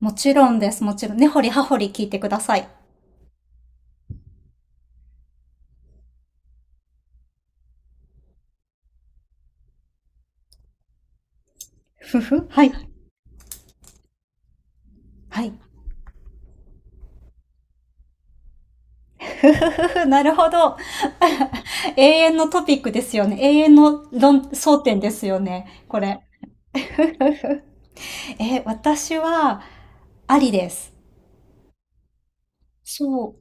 もちろんです。もちろん。ねほりはほり聞いてください。ふふ。はい。はい。ふふふふ。なるほど。永遠のトピックですよね。永遠の論争点ですよね。これ。ふふ。私は、ありです。そう。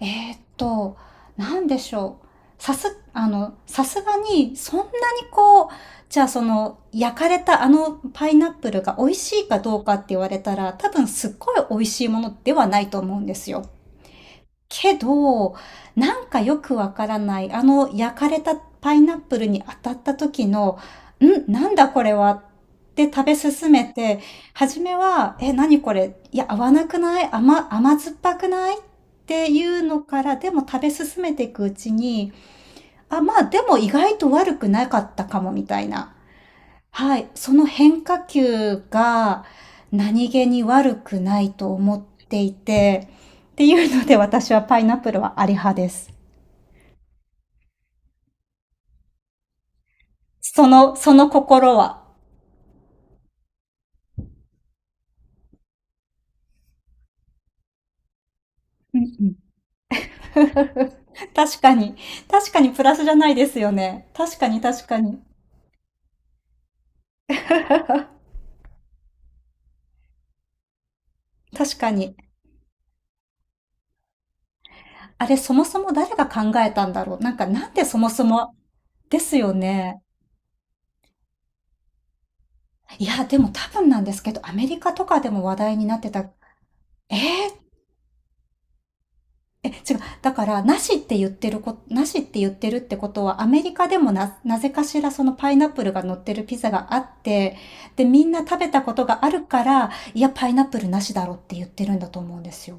えーっと、なんでしょう。さすがに、そんなにこう、じゃあその、焼かれたあのパイナップルが美味しいかどうかって言われたら、多分すっごい美味しいものではないと思うんですよ。けど、なんかよくわからない、あの焼かれたパイナップルに当たった時の、ん、なんだこれはって食べ進めて、初めは、え、何これ、いや、合わなくない甘酸っぱくないっていうのから、でも食べ進めていくうちに、あ、まあでも意外と悪くなかったかもみたいな。はい、その変化球が何気に悪くないと思っていて、っていうので私はパイナップルはあり派です。その心は？うんうん、確かに。確かにプラスじゃないですよね。確かに確かに。確かに。あれ、そもそも誰が考えたんだろう。なんか、なんでそもそも、ですよね。いや、でも多分なんですけど、アメリカとかでも話題になってた。えーえ、違う。だから、なしって言ってるってことは、アメリカでもなぜかしらそのパイナップルが乗ってるピザがあって、で、みんな食べたことがあるから、いや、パイナップルなしだろって言ってるんだと思うんですよ。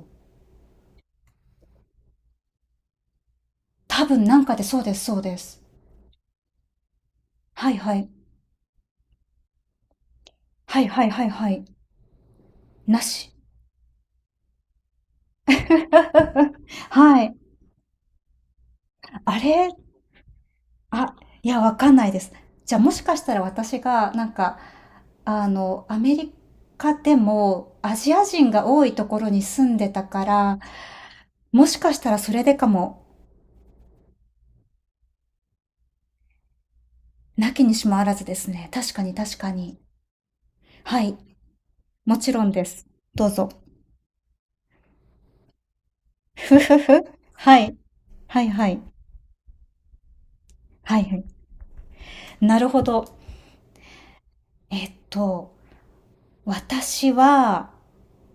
多分なんかで、そうです、そうです。はいはい。はいはいはいはい。なし。はい。あれあ、いや、わかんないです。じゃあもしかしたら私が、なんか、アメリカでもアジア人が多いところに住んでたから、もしかしたらそれでかも、なきにしもあらずですね。確かに確かに。はい。もちろんです。どうぞ。ふふふ。はい。はいはい。はいはい。なるほど。えっと、私は、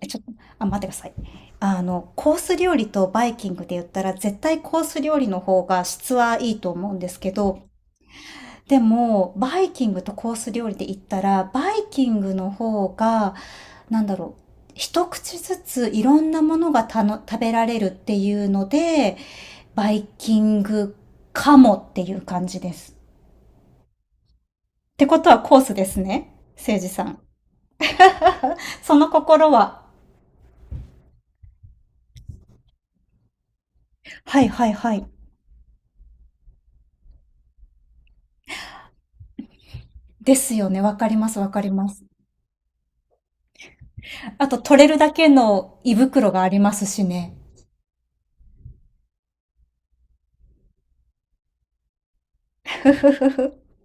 ちょっと、あ、待ってください。コース料理とバイキングで言ったら絶対コース料理の方が質はいいと思うんですけど、でも、バイキングとコース料理で言ったら、バイキングの方が、なんだろう、一口ずついろんなものが食べられるっていうので、バイキングかもっていう感じです。ってことはコースですね、誠司さん。その心は？はいはいはい。ですよね。わかりますわかります。あと取れるだけの胃袋がありますしね。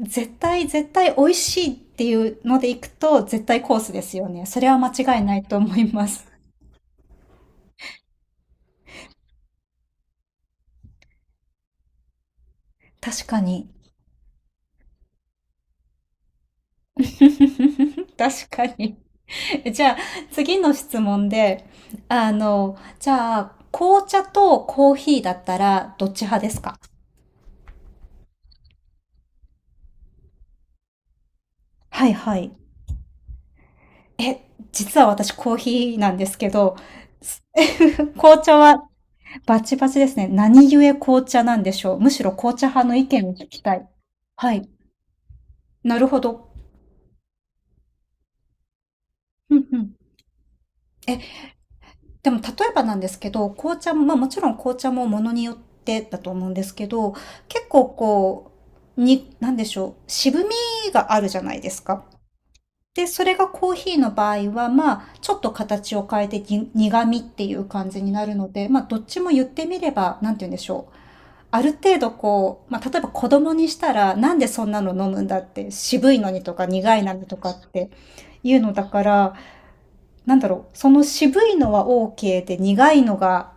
絶対、絶対美味しいっていうので行くと、絶対コースですよね。それは間違いないと思います。確かに。確かに。じゃあ、次の質問で、あの、じゃあ、紅茶とコーヒーだったら、どっち派ですか？はいはい。実は私コーヒーなんですけど、紅茶はバチバチですね。何故紅茶なんでしょう？むしろ紅茶派の意見を聞きたい。はい。なるほど。うんうん。え、でも例えばなんですけど、紅茶も、まあもちろん紅茶もものによってだと思うんですけど、結構こう、なんでしょう。渋みがあるじゃないですか。で、それがコーヒーの場合は、まあ、ちょっと形を変えてに苦味っていう感じになるので、まあ、どっちも言ってみれば、なんて言うんでしょう。ある程度こう、まあ、例えば子供にしたら、なんでそんなの飲むんだって、渋いのにとか苦いのにとかっていうのだから、なんだろう、その渋いのは OK で苦いのが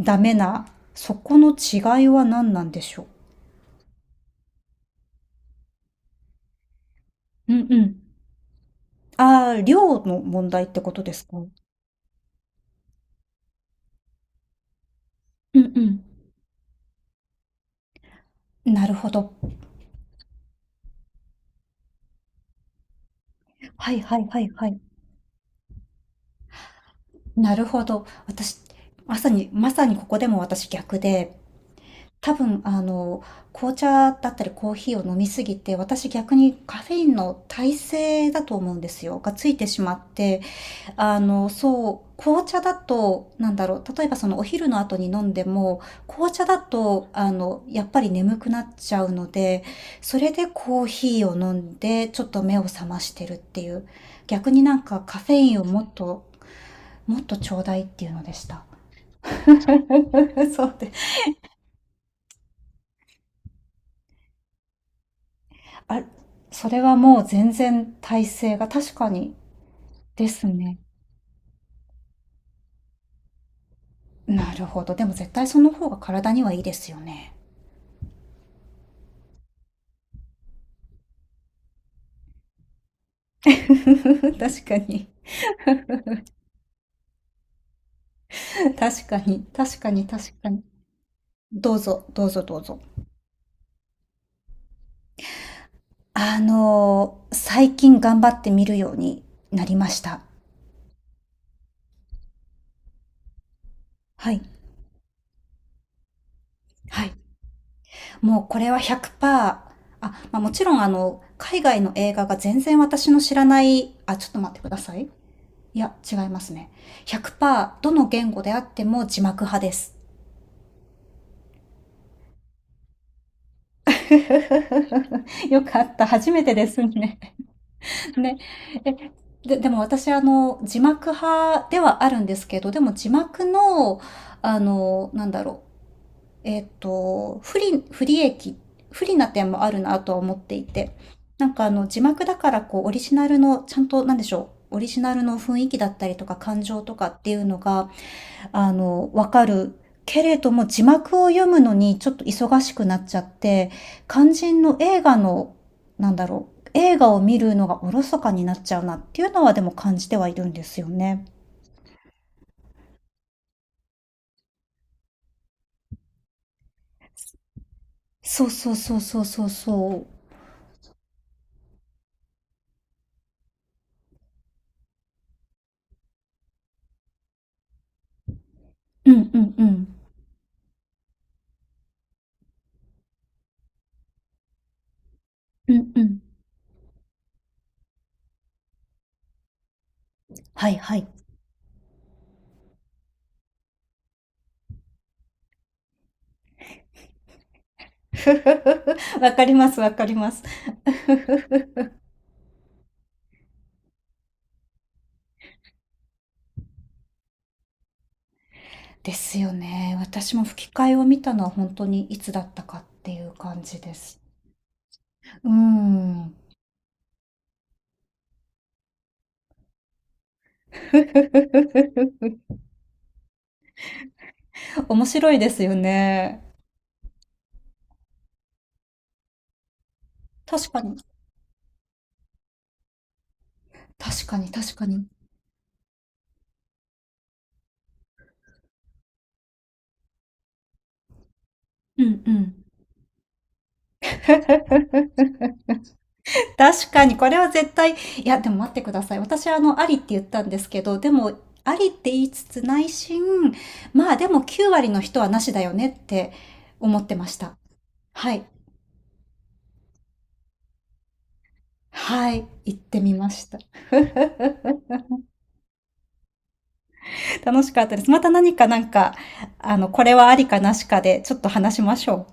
ダメな、そこの違いは何なんでしょう？うんうん。ああ、量の問題ってことですか？うんうん。なるほど。はいはいはいはい。なるほど。私、まさに、まさにここでも私逆で、多分、紅茶だったりコーヒーを飲みすぎて、私逆にカフェインの耐性だと思うんですよ。がついてしまって、そう、紅茶だと、なんだろう、例えばそのお昼の後に飲んでも、紅茶だと、やっぱり眠くなっちゃうので、それでコーヒーを飲んで、ちょっと目を覚ましてるっていう。逆になんかカフェインをもっと、もっとちょうだいっていうのでした。そうです。あ、それはもう全然体勢が確かにですね。なるほど。でも絶対その方が体にはいいですよね。確かに。確かに。確かに。確かに。どうぞ、どうぞ、どうぞ。最近頑張ってみるようになりました。はい。はい。もうこれは100%、あ、まあ、もちろん海外の映画が全然私の知らない、あ、ちょっと待ってください。いや、違いますね。100%どの言語であっても字幕派です。よかった。初めてですね。ね。え、で、でも私、字幕派ではあるんですけど、でも字幕の、なんだろう。えっと、不利、不利益、不利な点もあるなとは思っていて。なんか字幕だからこう、オリジナルの、ちゃんと、なんでしょう。オリジナルの雰囲気だったりとか感情とかっていうのがわかる。けれども字幕を読むのにちょっと忙しくなっちゃって、肝心の映画の、なんだろう、映画を見るのがおろそかになっちゃうなっていうのはでも感じてはいるんですよね。そうそうそうそうそうそう。うんうんうん。うんうん。はいはい。わかりますわかります。ですよね。私も吹き替えを見たのは本当にいつだったかっていう感じです。うーん。面白いですよね。確かに。確かに、確かに。うんうん。確かに、これは絶対、いや、でも待ってください。私、ありって言ったんですけど、でも、ありって言いつつ内心、まあでも9割の人はなしだよねって思ってました。はい。はい。行ってみました。楽しかったです。また何かこれはありかなしかで、ちょっと話しましょう。